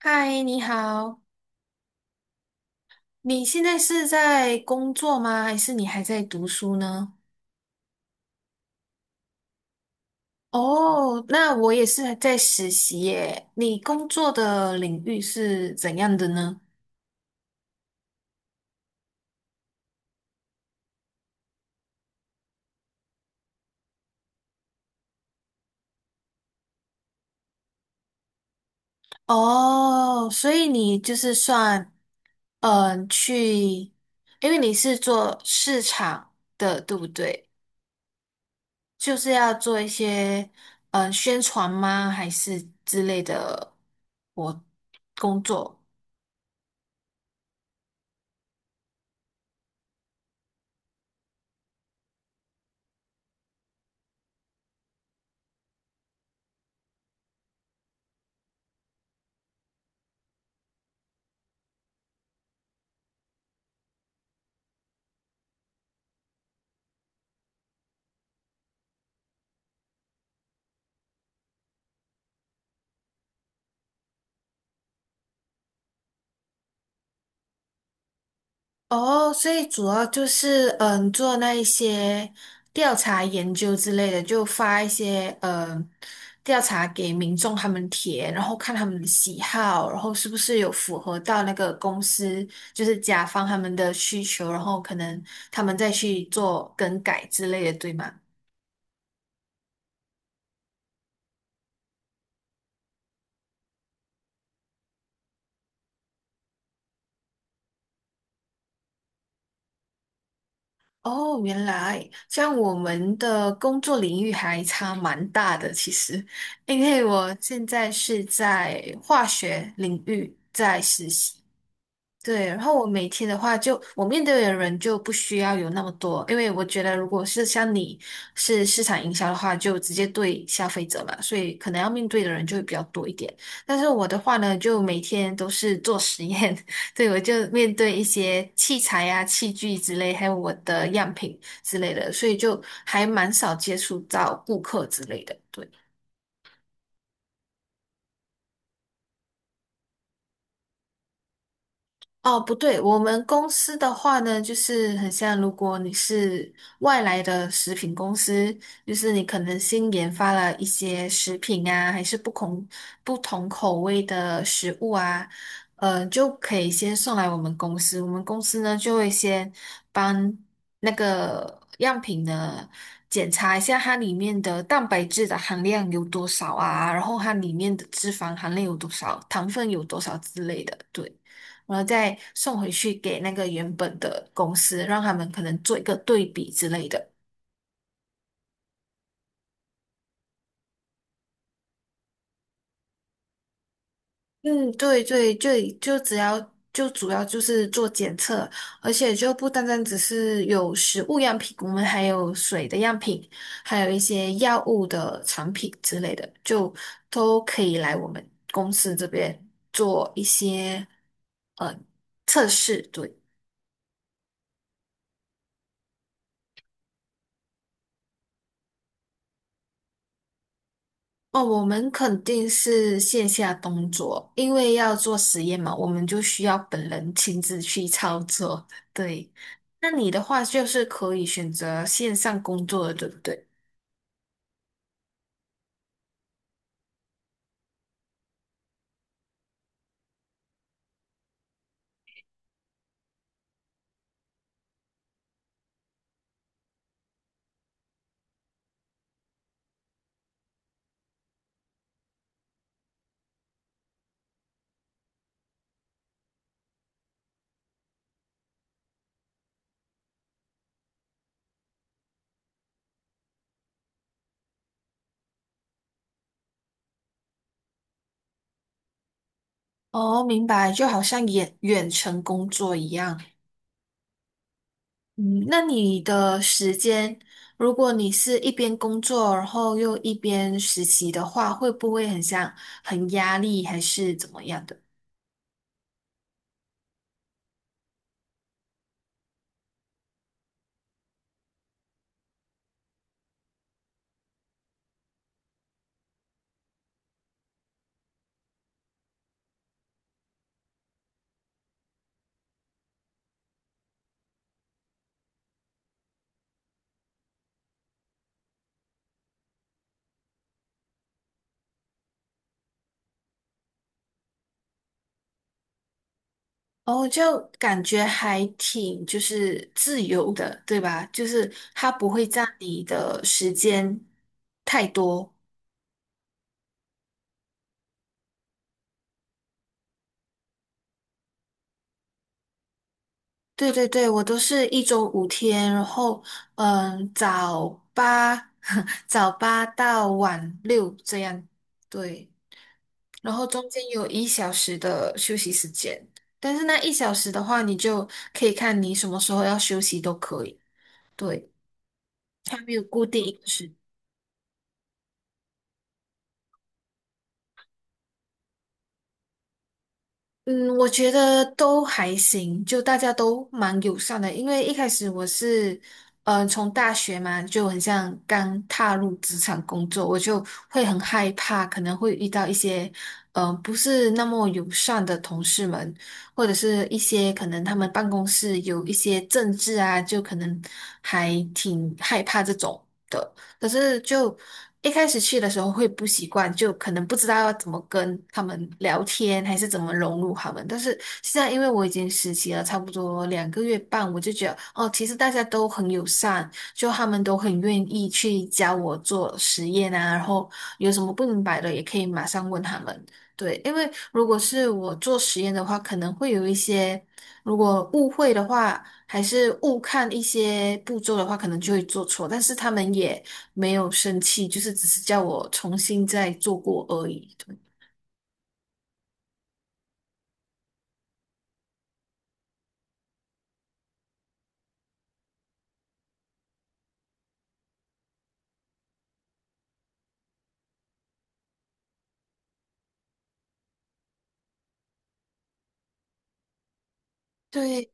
嗨，你好，你现在是在工作吗？还是你还在读书呢？哦，那我也是在实习耶。你工作的领域是怎样的呢？哦，所以你就是算，嗯，去，因为你是做市场的，对不对？就是要做一些，嗯，宣传吗？还是之类的，我工作。哦，所以主要就是做那一些调查研究之类的，就发一些调查给民众他们填，然后看他们的喜好，然后是不是有符合到那个公司就是甲方他们的需求，然后可能他们再去做更改之类的，对吗？哦，原来像我们的工作领域还差蛮大的，其实。因为我现在是在化学领域在实习。对，然后我每天的话就，我面对的人就不需要有那么多，因为我觉得如果是像你是市场营销的话，就直接对消费者嘛，所以可能要面对的人就会比较多一点。但是我的话呢，就每天都是做实验，对，我就面对一些器材啊、器具之类，还有我的样品之类的，所以就还蛮少接触到顾客之类的。对。哦，不对，我们公司的话呢，就是很像，如果你是外来的食品公司，就是你可能新研发了一些食品啊，还是不同口味的食物啊，就可以先送来我们公司。我们公司呢，就会先帮那个样品呢检查一下它里面的蛋白质的含量有多少啊，然后它里面的脂肪含量有多少，糖分有多少之类的，对。然后再送回去给那个原本的公司，让他们可能做一个对比之类的。嗯，对对对，就主要就是做检测，而且就不单单只是有食物样品，我们还有水的样品，还有一些药物的产品之类的，就都可以来我们公司这边做一些呃测试。对。哦，我们肯定是线下工作，因为要做实验嘛，我们就需要本人亲自去操作。对，那你的话就是可以选择线上工作的，对不对？哦，明白，就好像远程工作一样。嗯，那你的时间，如果你是一边工作，然后又一边实习的话，会不会很像很压力，还是怎么样的？哦，就感觉还挺就是自由的，对吧？就是它不会占你的时间太多。对对对，我都是一周五天，然后嗯，早八 早八到晚六这样，对，然后中间有一小时的休息时间，但是那一小时的话，你就可以看你什么时候要休息都可以，对，它没有固定一个时嗯，我觉得都还行，就大家都蛮友善的。因为一开始我是，嗯、从大学嘛，就很像刚踏入职场工作，我就会很害怕，可能会遇到一些，嗯、不是那么友善的同事们，或者是一些可能他们办公室有一些政治啊，就可能还挺害怕这种的。可是一开始去的时候会不习惯，就可能不知道要怎么跟他们聊天，还是怎么融入他们。但是现在因为我已经实习了差不多两个月半，我就觉得哦，其实大家都很友善，就他们都很愿意去教我做实验啊，然后有什么不明白的也可以马上问他们。对，因为如果是我做实验的话，可能会有一些，如果误会的话，还是误看一些步骤的话，可能就会做错。但是他们也没有生气，就是只是叫我重新再做过而已。对，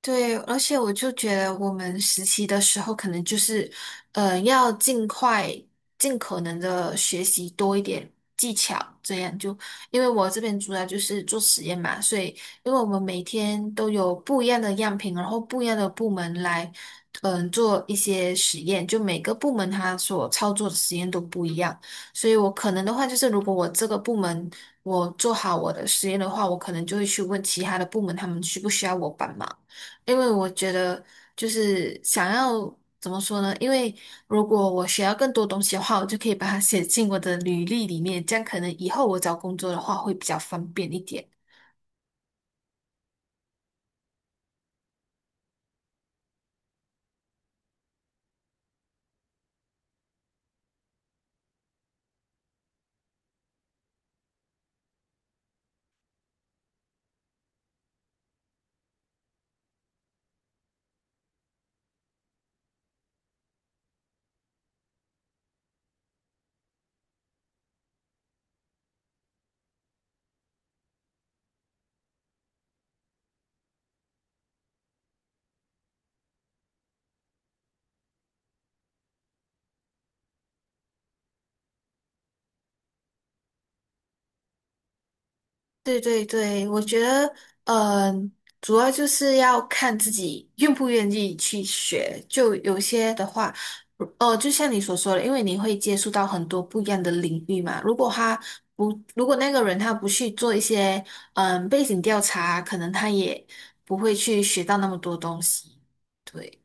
对，而且我就觉得我们实习的时候，可能就是，呃，要尽快、尽可能的学习多一点技巧，这样就，因为我这边主要就是做实验嘛，所以因为我们每天都有不一样的样品，然后不一样的部门来，嗯、做一些实验，就每个部门它所操作的实验都不一样，所以我可能的话就是，如果我这个部门我做好我的实验的话，我可能就会去问其他的部门，他们需不需要我帮忙。因为我觉得就是想要怎么说呢？因为如果我学到更多东西的话，我就可以把它写进我的履历里面，这样可能以后我找工作的话会比较方便一点。对对对，我觉得，嗯、主要就是要看自己愿不愿意去学。就有些的话，哦，就像你所说的，因为你会接触到很多不一样的领域嘛。如果他不，如果那个人他不去做一些，嗯、背景调查，可能他也不会去学到那么多东西。对。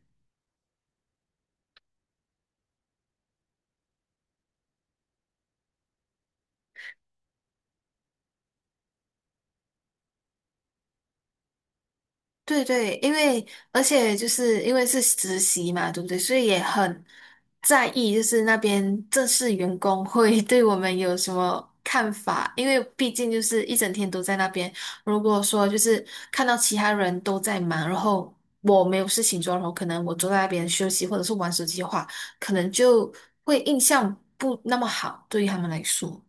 对对，而且就是因为是实习嘛，对不对？所以也很在意，就是那边正式员工会 对我们有什么看法，因为毕竟就是一整天都在那边。如果说就是看到其他人都在忙，然后我没有事情做，然后可能我坐在那边休息或者是玩手机的话，可能就会印象不那么好，对于他们来说。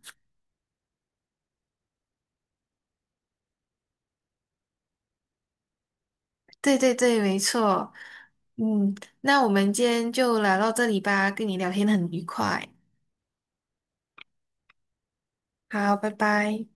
对对对，没错。嗯，那我们今天就聊到这里吧，跟你聊天很愉快。好，拜拜。